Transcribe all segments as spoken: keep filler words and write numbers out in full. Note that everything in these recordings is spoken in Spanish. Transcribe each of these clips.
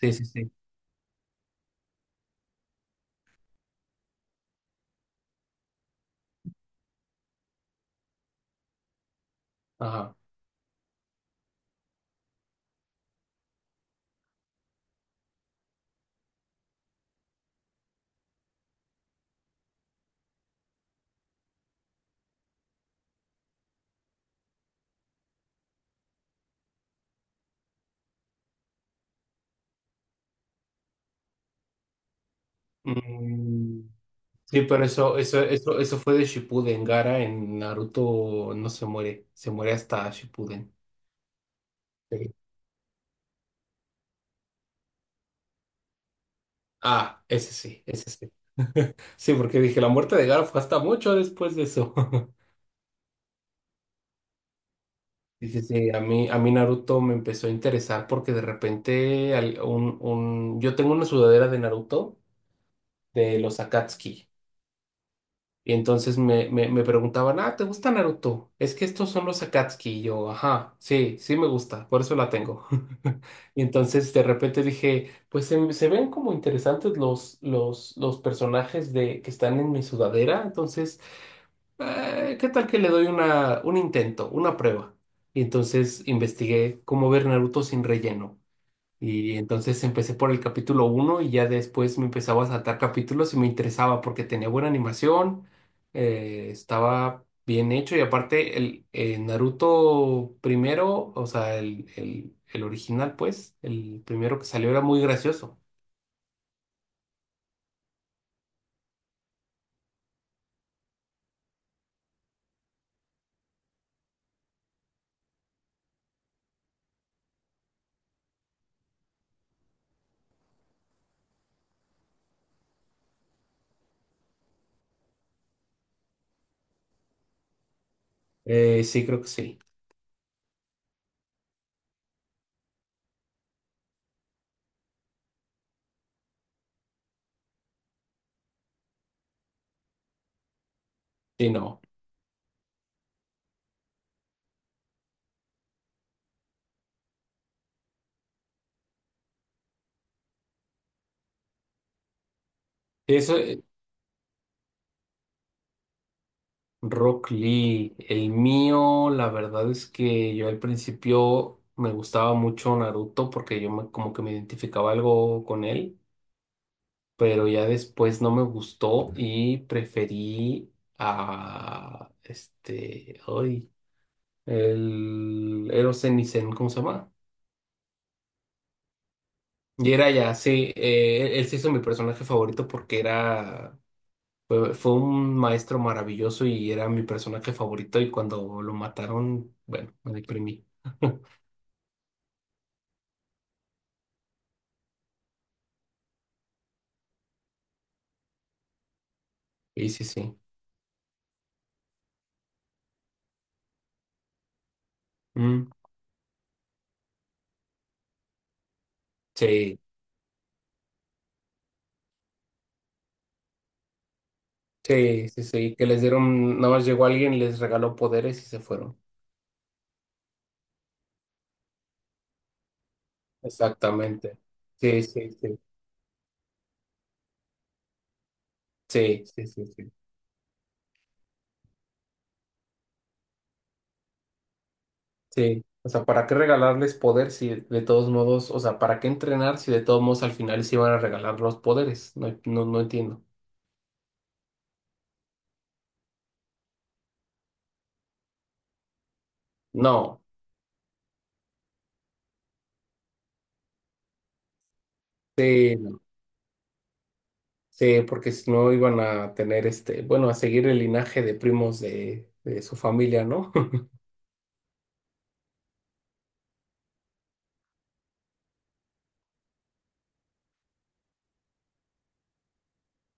Sí, sí, sí. Ajá. Mm, sí, pero eso, eso, eso, eso fue de Shippuden. Gara en Naruto no se muere, se muere hasta Shippuden. Sí. Ah, ese sí, ese sí. Sí, porque dije, la muerte de Gara fue hasta mucho después de eso. Sí, sí, sí, a mí, a mí Naruto me empezó a interesar porque de repente al- un, un, yo tengo una sudadera de Naruto de los Akatsuki. Y entonces me, me, me preguntaban, ah, ¿te gusta Naruto? Es que estos son los Akatsuki. Y yo, ajá, sí, sí me gusta, por eso la tengo. Y entonces de repente dije, pues se, se ven como interesantes los, los, los personajes de, que están en mi sudadera. Entonces, eh, ¿qué tal que le doy una, un intento, una prueba? Y entonces investigué cómo ver Naruto sin relleno. Y entonces empecé por el capítulo uno y ya después me empezaba a saltar capítulos y me interesaba porque tenía buena animación, eh, estaba bien hecho y aparte el eh, Naruto primero, o sea, el, el- el original pues, el primero que salió era muy gracioso. Eh, sí, creo que sí. Sí, no. Eso, eh, Rock Lee, el mío, la verdad es que yo al principio me gustaba mucho Naruto porque yo me- como que me identificaba algo con él. Pero ya después no me gustó y preferí a este, hoy, el Eros Zenisen, ¿cómo se llama? Y era ya, sí, eh, él, él se hizo mi personaje favorito porque era, fue, fue un maestro maravilloso y era mi personaje favorito y cuando lo mataron, bueno, me deprimí. Y sí, sí. Mm, sí, sí, sí, sí, que les dieron, nada más llegó alguien, les regaló poderes y se fueron. Exactamente. Sí, sí, sí. Sí, sí, sí, sí. Sí. O sea, ¿para qué regalarles poder si de todos modos, o sea, ¿para qué entrenar si de todos modos al final se iban a regalar los poderes? No, no, no entiendo. No, sí, no. Sí, porque si no iban a tener este, bueno, a seguir el linaje de primos de, de su familia, ¿no?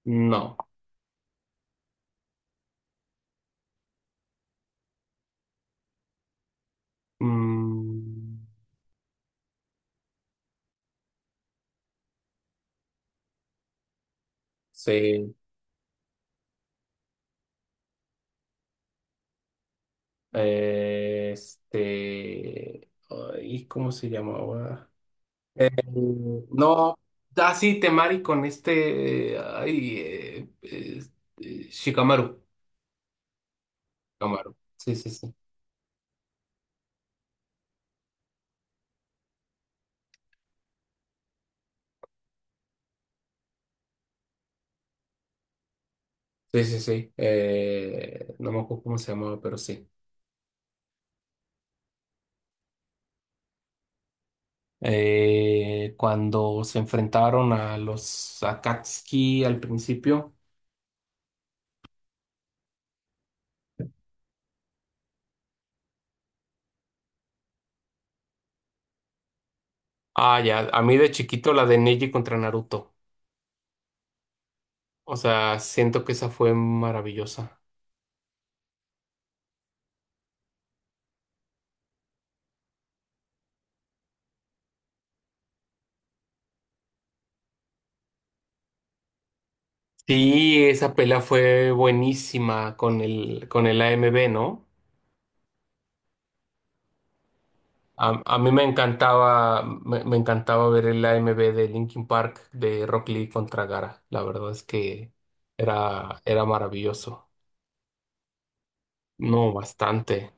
No. Mm, sí. eh, este. ay, ¿cómo se llamaba? Mm, No, así Temari con este, eh, ay, eh, eh, eh, Shikamaru. Shikamaru. Sí, sí, sí. Sí, sí, sí. Eh, no me acuerdo cómo se llamaba, pero sí. Eh, cuando se enfrentaron a los Akatsuki al principio. Ah, ya. A mí de chiquito la de Neji contra Naruto. O sea, siento que esa fue maravillosa. Sí, esa pelea fue buenísima con el, con el A M B, ¿no? A, a mí me encantaba, me, me encantaba ver el A M B de Linkin Park de Rock Lee contra Gara. La verdad es que era, era maravilloso. No, bastante.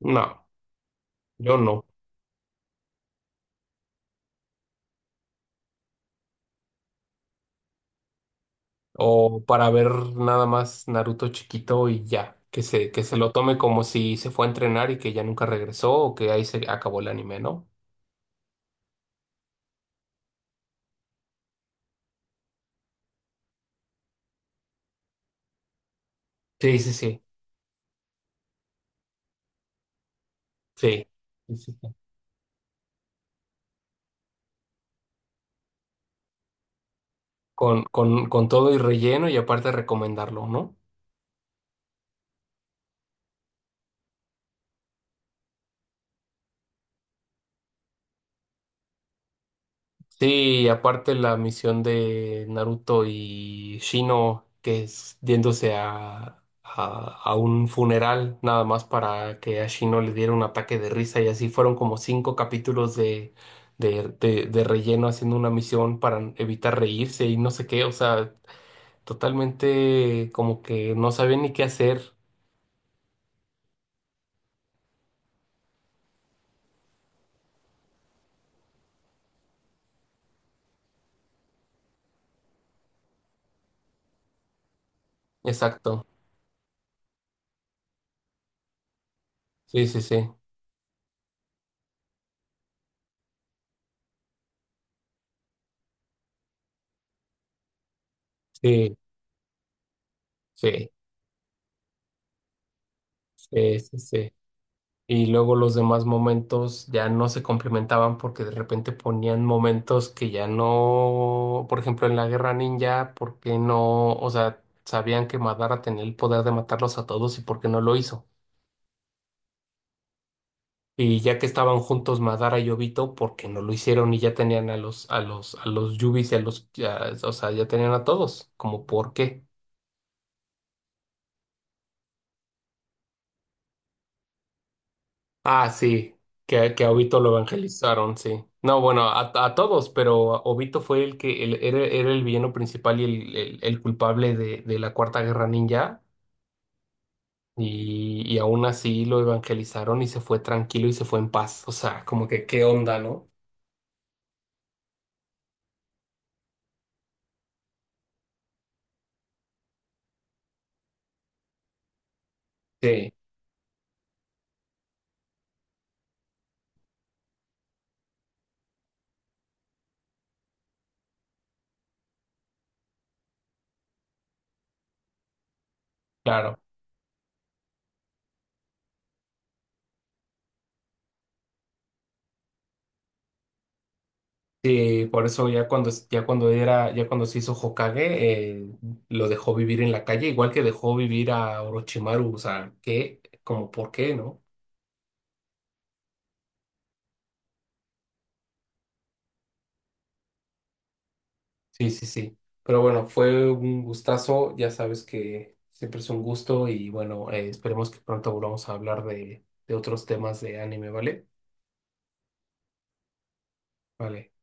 No, yo no. O para ver nada más Naruto chiquito y ya. Que se, que se lo tome como si se fue a entrenar y que ya nunca regresó o que ahí se acabó el anime, ¿no? Sí, sí, sí. Sí. Sí, sí, sí. Con, con, con todo y relleno y aparte recomendarlo, ¿no? Sí, y aparte la misión de Naruto y Shino, que es yéndose a, a, a un funeral, nada más para que a Shino le diera un ataque de risa, y así fueron como cinco capítulos de, de, de, de relleno haciendo una misión para evitar reírse y no sé qué, o sea, totalmente como que no sabía ni qué hacer. Exacto. Sí, sí, sí. Sí, sí, sí, sí, sí. Y luego los demás momentos ya no se complementaban porque de repente ponían momentos que ya no, por ejemplo, en la guerra ninja, ¿por qué no? O sea, sabían que Madara tenía el poder de matarlos a todos y por qué no lo hizo. Y ya que estaban juntos Madara y Obito, ¿por qué no lo hicieron? Y ya tenían a los, a los, a los Yubis y a los, ya- o sea, ya tenían a todos, como por qué. Ah, sí, que, que a Obito lo evangelizaron, sí. No, bueno, a, a todos, pero Obito fue el que el- era, era el villano principal y el, el- el culpable de, de la Cuarta Guerra Ninja. Y, y aún así lo evangelizaron y se fue tranquilo y se fue en paz. O sea, como que qué onda, ¿no? Sí, claro. Sí, por eso ya cuando, ya cuando era, ya cuando se hizo Hokage, eh, lo dejó vivir en la calle, igual que dejó vivir a Orochimaru. O sea, ¿qué? Como, ¿por qué, no? Sí, sí, sí. Pero bueno, fue un gustazo. Ya sabes que siempre es un gusto y bueno, eh, esperemos que pronto volvamos a hablar de, de otros temas de anime, ¿vale? Vale.